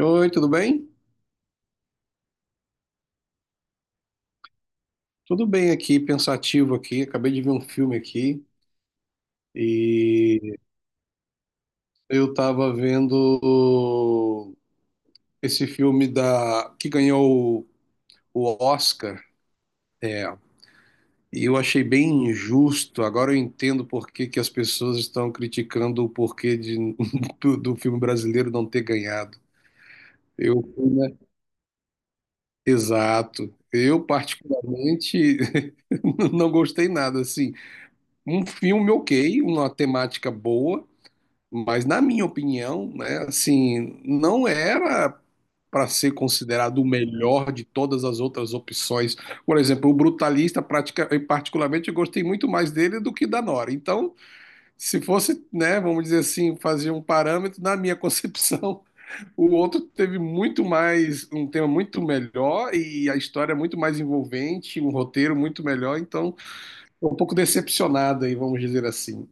Oi, tudo bem? Tudo bem aqui, pensativo aqui. Acabei de ver um filme aqui e eu tava vendo esse filme da que ganhou o Oscar, é, e eu achei bem injusto. Agora eu entendo por que que as pessoas estão criticando o porquê de, do filme brasileiro não ter ganhado. Eu, né? Exato. Eu, particularmente, não gostei nada, assim. Um filme ok, uma temática boa, mas, na minha opinião, né, assim, não era para ser considerado o melhor de todas as outras opções. Por exemplo, o Brutalista, eu, particularmente, eu gostei muito mais dele do que da Nora. Então, se fosse, né, vamos dizer assim, fazer um parâmetro, na minha concepção, o outro teve muito mais, um tema muito melhor e a história é muito mais envolvente, um roteiro muito melhor. Então, tô um pouco decepcionado aí, vamos dizer assim.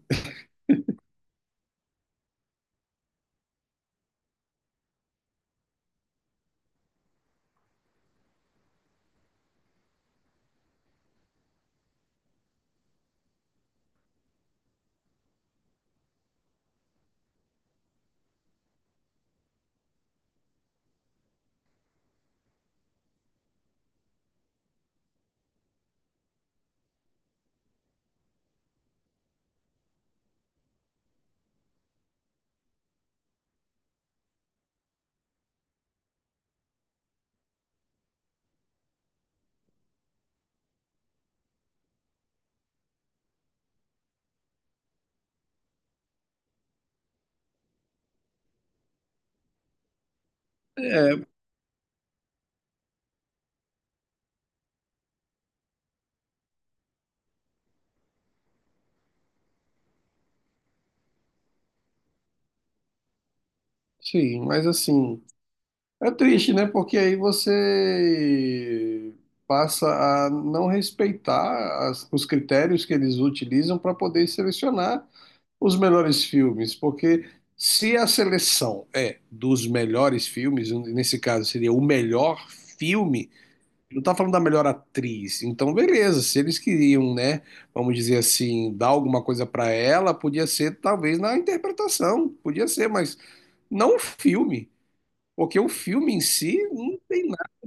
É, sim, mas assim. É triste, né? Porque aí você passa a não respeitar os critérios que eles utilizam para poder selecionar os melhores filmes. Porque se a seleção é dos melhores filmes, nesse caso seria o melhor filme, não está falando da melhor atriz. Então, beleza, se eles queriam, né, vamos dizer assim, dar alguma coisa para ela, podia ser talvez na interpretação, podia ser, mas não o filme. Porque o filme em si não tem nada.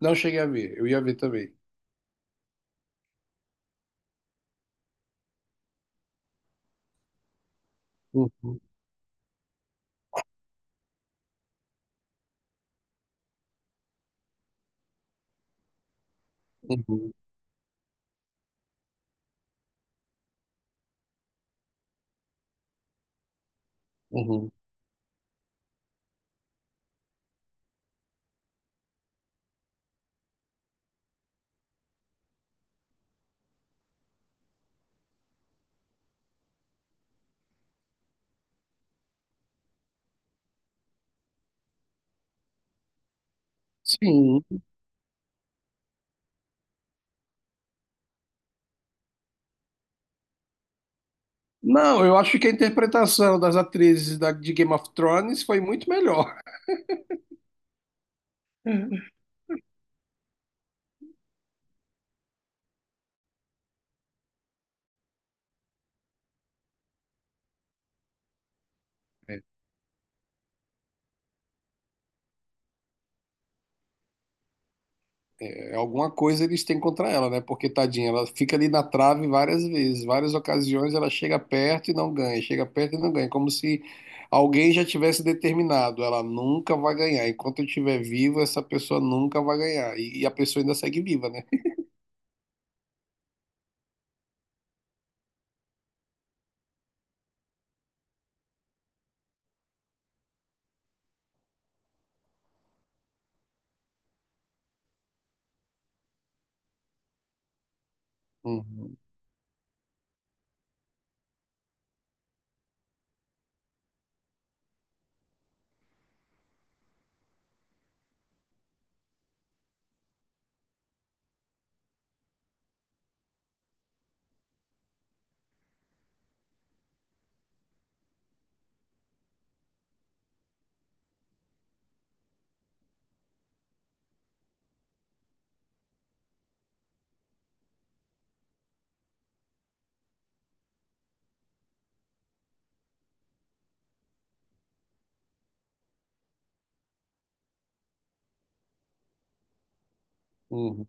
Não cheguei a ver, eu ia ver também. Uhum, uhum, uhum. Sim. Não, eu acho que a interpretação das atrizes de Game of Thrones foi muito melhor. É, é, alguma coisa eles têm contra ela, né? Porque, tadinha, ela fica ali na trave várias vezes, várias ocasiões ela chega perto e não ganha, chega perto e não ganha, como se alguém já tivesse determinado, ela nunca vai ganhar. Enquanto eu estiver vivo, essa pessoa nunca vai ganhar. E a pessoa ainda segue viva, né? Uhum, uhum.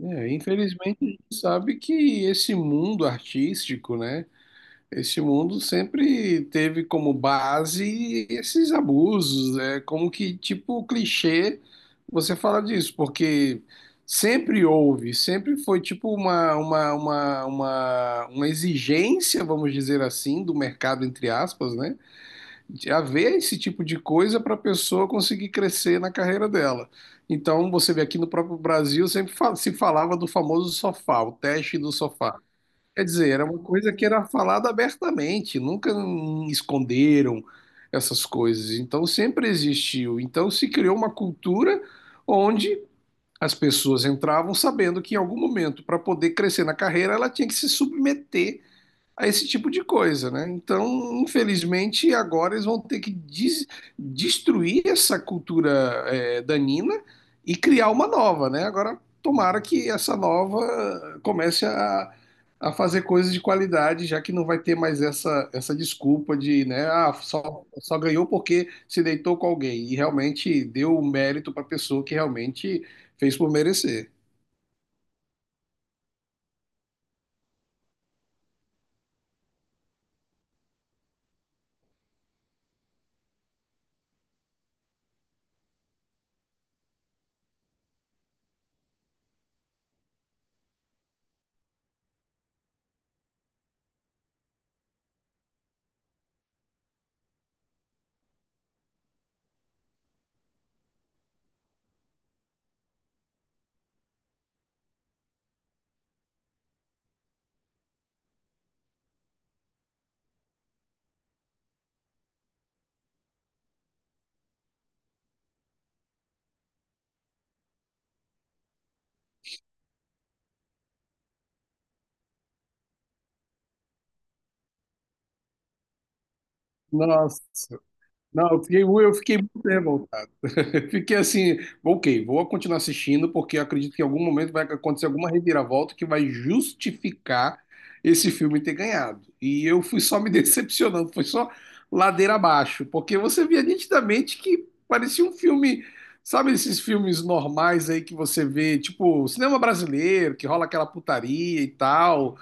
É, infelizmente, a gente sabe que esse mundo artístico, né? Esse mundo sempre teve como base esses abusos, é como que tipo clichê você fala disso, porque sempre houve, sempre foi tipo uma exigência, vamos dizer assim, do mercado, entre aspas, né? De haver esse tipo de coisa para a pessoa conseguir crescer na carreira dela. Então, você vê aqui no próprio Brasil, sempre se falava do famoso sofá, o teste do sofá. Quer dizer, era uma coisa que era falada abertamente, nunca esconderam essas coisas. Então, sempre existiu. Então, se criou uma cultura onde as pessoas entravam sabendo que em algum momento, para poder crescer na carreira, ela tinha que se submeter a esse tipo de coisa, né? Então, infelizmente, agora eles vão ter que destruir essa cultura é, danina e criar uma nova, né? Agora, tomara que essa nova comece a fazer coisas de qualidade, já que não vai ter mais essa desculpa de, né? Ah, só ganhou porque se deitou com alguém e realmente deu o mérito para a pessoa que realmente fez por merecer. Nossa, não, eu fiquei, eu fiquei muito revoltado. Fiquei assim, ok, vou continuar assistindo, porque eu acredito que em algum momento vai acontecer alguma reviravolta que vai justificar esse filme ter ganhado. E eu fui só me decepcionando, foi só ladeira abaixo, porque você via nitidamente que parecia um filme, sabe esses filmes normais aí que você vê, tipo, cinema brasileiro, que rola aquela putaria e tal.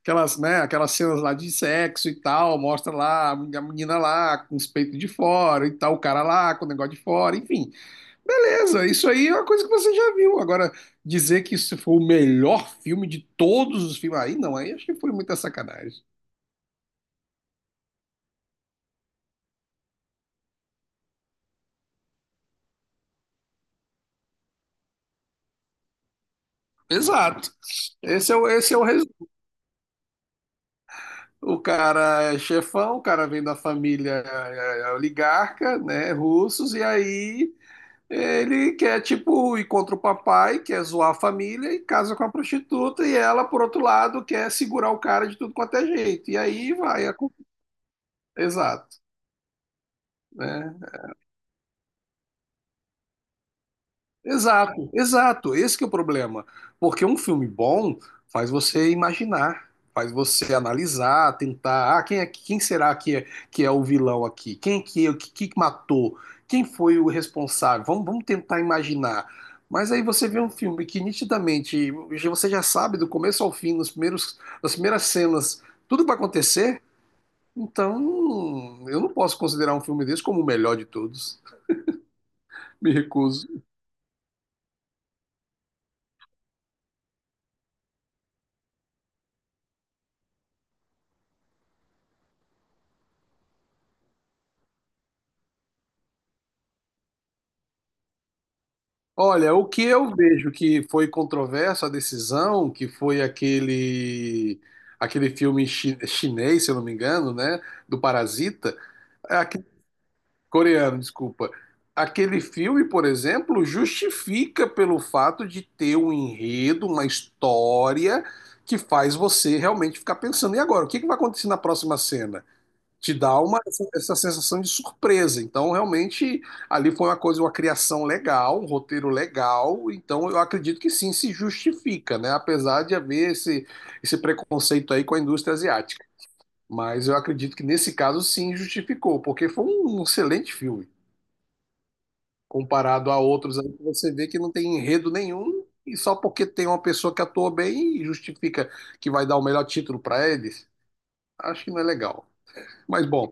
Aquelas, né, aquelas cenas lá de sexo e tal, mostra lá a menina lá com os peitos de fora e tal, o cara lá com o negócio de fora, enfim. Beleza, isso aí é uma coisa que você já viu. Agora, dizer que isso foi o melhor filme de todos os filmes, aí não, aí acho que foi muita sacanagem. Exato. Esse é o resultado. O cara é chefão, o cara vem da família é oligarca, né, russos, e aí ele quer, tipo, ir contra o papai, quer zoar a família e casa com a prostituta, e ela, por outro lado, quer segurar o cara de tudo quanto é jeito. E aí vai. A Exato. Né? Exato, exato. Esse que é o problema. Porque um filme bom faz você imaginar, faz você analisar, tentar, ah, quem é, quem será que é o vilão aqui? Quem que, o que, que matou? Quem foi o responsável? Vamos tentar imaginar. Mas aí você vê um filme que nitidamente você já sabe do começo ao fim, nos primeiros, nas primeiras cenas, tudo vai acontecer. Então, eu não posso considerar um filme desse como o melhor de todos. Me recuso. Olha, o que eu vejo que foi controverso a decisão, que foi aquele filme chinês, se eu não me engano, né, do Parasita, aque- coreano, desculpa. Aquele filme, por exemplo, justifica pelo fato de ter um enredo, uma história que faz você realmente ficar pensando, e agora, o que que vai acontecer na próxima cena? Te dá uma, essa sensação de surpresa. Então, realmente, ali foi uma coisa, uma criação legal, um roteiro legal. Então, eu acredito que sim, se justifica, né? Apesar de haver esse preconceito aí com a indústria asiática. Mas eu acredito que nesse caso, sim, justificou, porque foi um excelente filme. Comparado a outros aí, que você vê que não tem enredo nenhum e só porque tem uma pessoa que atua bem e justifica que vai dar o melhor título para eles. Acho que não é legal. Mas, bom,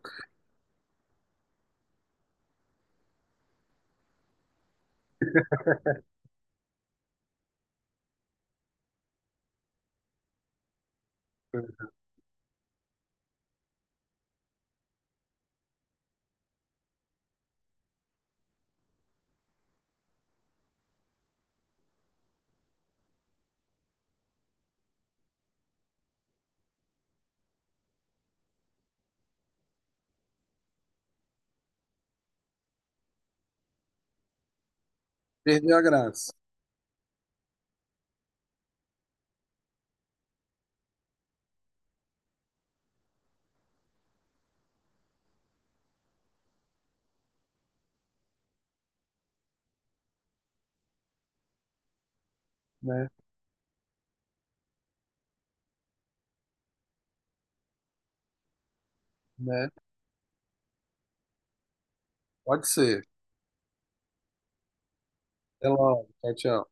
perdeu a graça. Né? Né? Pode ser. Até logo. Tchau, tchau.